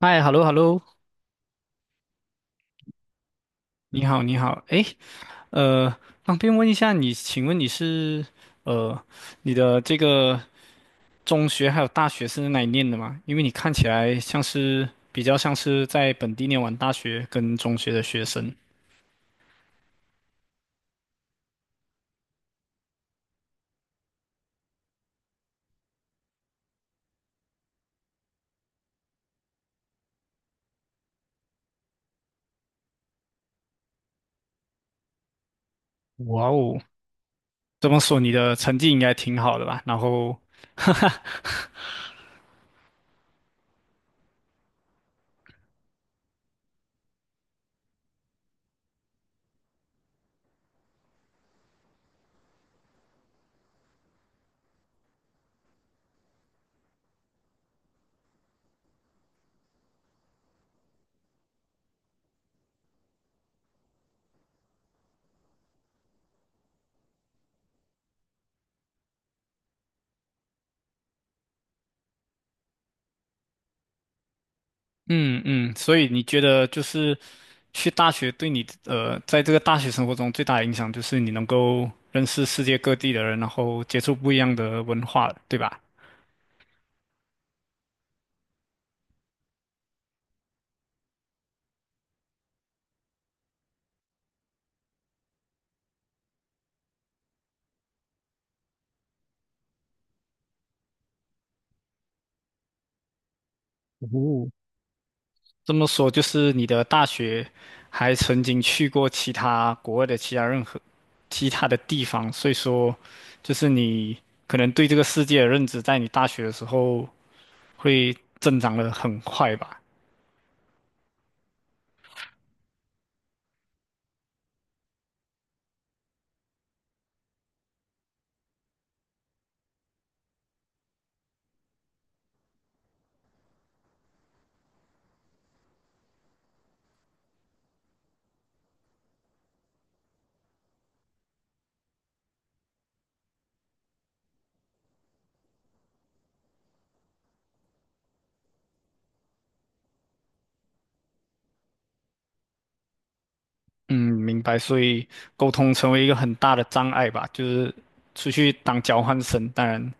嗨，hello hello，你好你好，诶，呃，方便问一下你，请问你是呃你的这个中学还有大学是在哪里念的吗？因为你看起来像是比较像是在本地念完大学跟中学的学生。哇哦，这么说你的成绩应该挺好的吧？然后，哈哈。嗯嗯，所以你觉得就是去大学对你，在这个大学生活中最大的影响就是你能够认识世界各地的人，然后接触不一样的文化，对吧？哦，这么说就是你的大学还曾经去过其他国外的其他任何其他的地方，所以说就是你可能对这个世界的认知，在你大学的时候会增长的很快吧？嗯，明白。所以沟通成为一个很大的障碍吧，就是出去当交换生，当然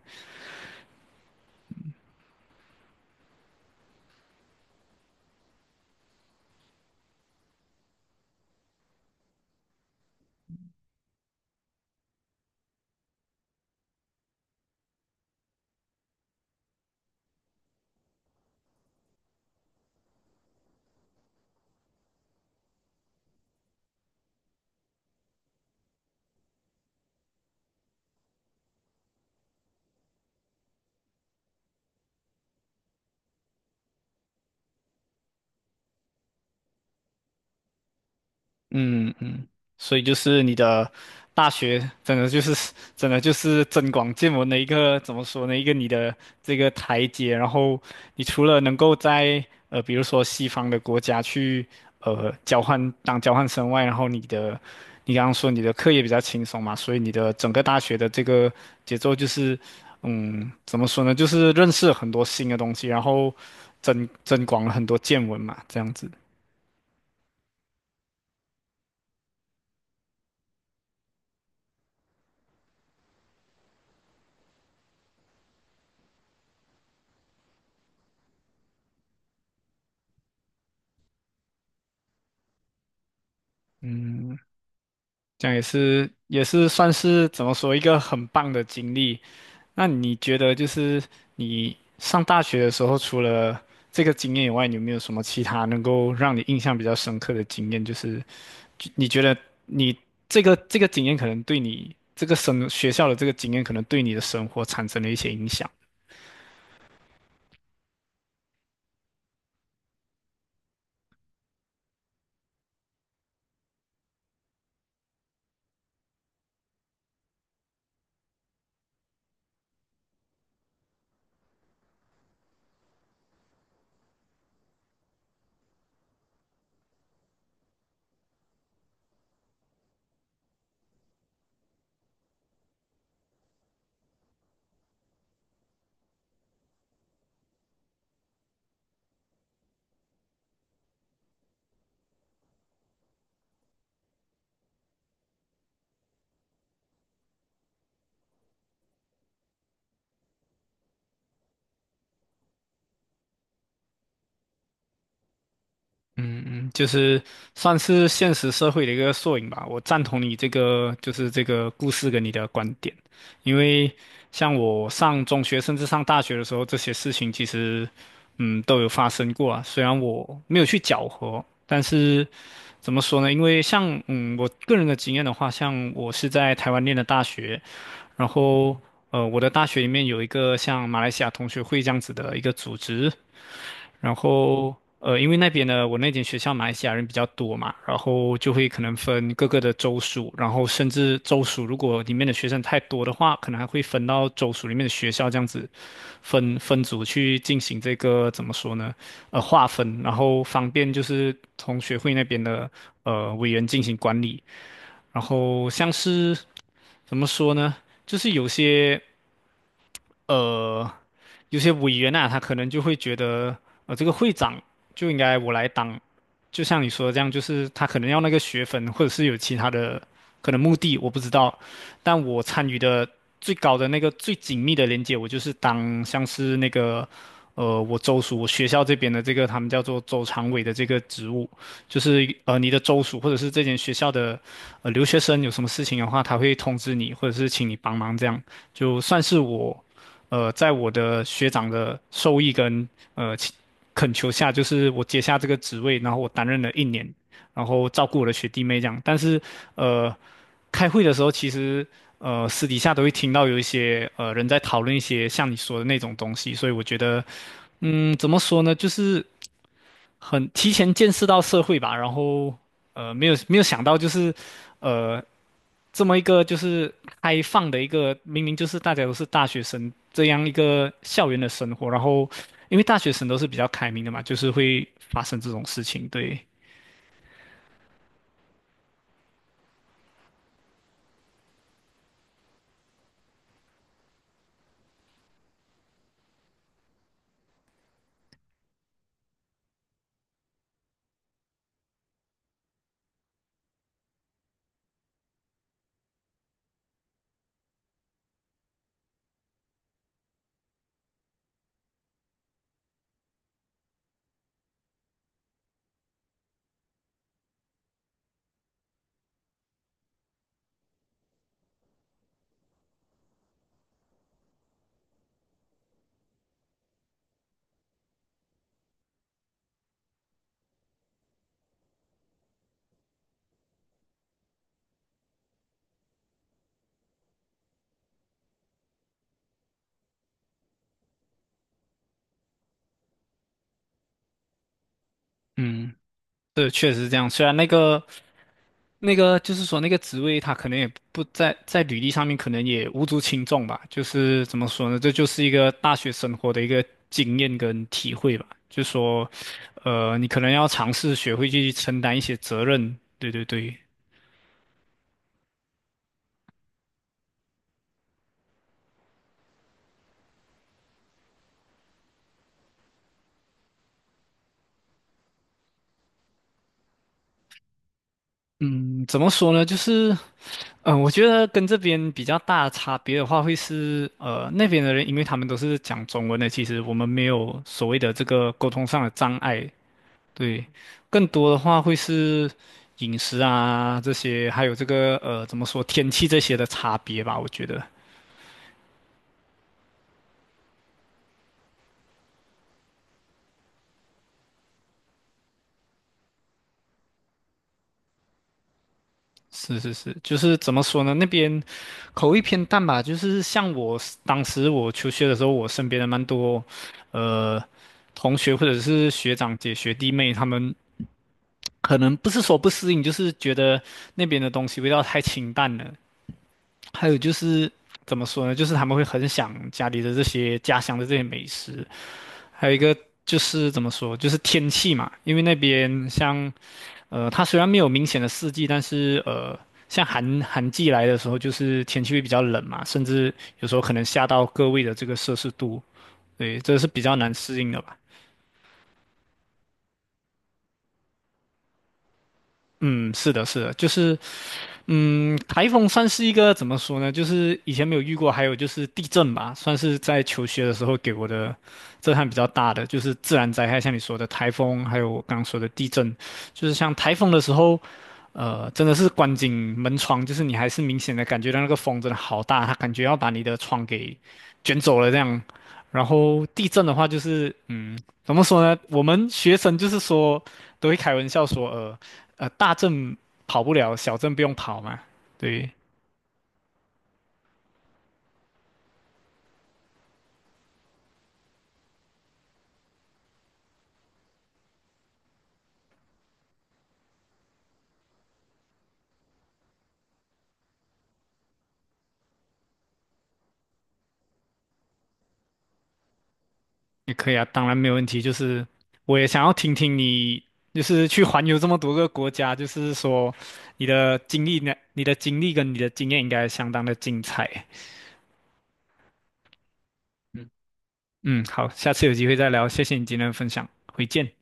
嗯嗯，所以就是你的大学真的就是真的就是增广见闻的一个怎么说呢？一个你的这个台阶，然后你除了能够在比如说西方的国家去交换当交换生外，然后你的你刚刚说你的课业比较轻松嘛，所以你的整个大学的这个节奏就是怎么说呢？就是认识了很多新的东西，然后增广了很多见闻嘛，这样子。嗯。这样也是也是算是怎么说一个很棒的经历。那你觉得就是你上大学的时候，除了这个经验以外，你有没有什么其他能够让你印象比较深刻的经验？就是就你觉得你这个这个经验可能对你这个生学校的这个经验可能对你的生活产生了一些影响。嗯嗯，就是算是现实社会的一个缩影吧。我赞同你这个，就是这个故事跟你的观点，因为像我上中学甚至上大学的时候，这些事情其实，嗯，都有发生过啊。虽然我没有去搅和，但是怎么说呢？因为像我个人的经验的话，像我是在台湾念的大学，然后我的大学里面有一个像马来西亚同学会这样子的一个组织，然后因为那边呢，我那间学校马来西亚人比较多嘛，然后就会可能分各个的州属，然后甚至州属如果里面的学生太多的话，可能还会分到州属里面的学校这样子分组去进行这个怎么说呢？呃，划分，然后方便就是同学会那边的委员进行管理，然后像是怎么说呢？就是有些。呃，有些委员啊，他可能就会觉得，呃，这个会长就应该我来当，就像你说的这样，就是他可能要那个学分，或者是有其他的可能目的，我不知道。但我参与的最高的那个最紧密的连接，我就是当像是那个，我州属我学校这边的这个他们叫做州常委的这个职务，就是你的州属或者是这间学校的留学生有什么事情的话，他会通知你，或者是请你帮忙这样，就算是我。在我的学长的授意跟请恳求下，就是我接下这个职位，然后我担任了1年，然后照顾我的学弟妹这样。但是，呃，开会的时候，其实私底下都会听到有一些人在讨论一些像你说的那种东西，所以我觉得，嗯，怎么说呢，就是很提前见识到社会吧，然后没有想到就是。呃，这么一个就是开放的一个，明明就是大家都是大学生这样一个校园的生活，然后因为大学生都是比较开明的嘛，就是会发生这种事情。对，嗯，对，确实是这样。虽然那个那个就是说那个职位，他可能也不在履历上面，可能也无足轻重吧。就是怎么说呢，这就是一个大学生活的一个经验跟体会吧。就说，你可能要尝试学会去承担一些责任。对对对，嗯，怎么说呢？就是，我觉得跟这边比较大的差别的话，会是，那边的人，因为他们都是讲中文的，其实我们没有所谓的这个沟通上的障碍。对，更多的话会是饮食啊这些，还有这个怎么说天气这些的差别吧，我觉得。是是是，就是怎么说呢？那边口味偏淡吧。就是像当时我求学的时候，我身边的蛮多，呃，同学或者是学长姐、学弟妹，他们可能不是说不适应，就是觉得那边的东西味道太清淡了。还有就是怎么说呢？就是他们会很想家里的这些家乡的这些美食。还有一个就是怎么说，就是天气嘛，因为那边像它虽然没有明显的四季，但是像寒季来的时候，就是天气会比较冷嘛，甚至有时候可能下到个位的这个摄氏度，对，这是比较难适应的吧。嗯，是的，是的，就是嗯，台风算是一个怎么说呢？就是以前没有遇过，还有就是地震吧，算是在求学的时候给我的震撼比较大的，就是自然灾害，像你说的台风，还有我刚刚说的地震，就是像台风的时候，真的是关紧门窗，就是你还是明显的感觉到那个风真的好大，它感觉要把你的窗给卷走了这样。然后地震的话，就是嗯，怎么说呢？我们学生就是说都会开玩笑说，大震跑不了，小镇不用跑嘛。对，也可以啊，当然没有问题。就是我也想要听听你，就是去环游这么多个国家，就是说你的经历呢，你的经历跟你的经验应该相当的精彩。嗯，好，下次有机会再聊，谢谢你今天的分享，回见。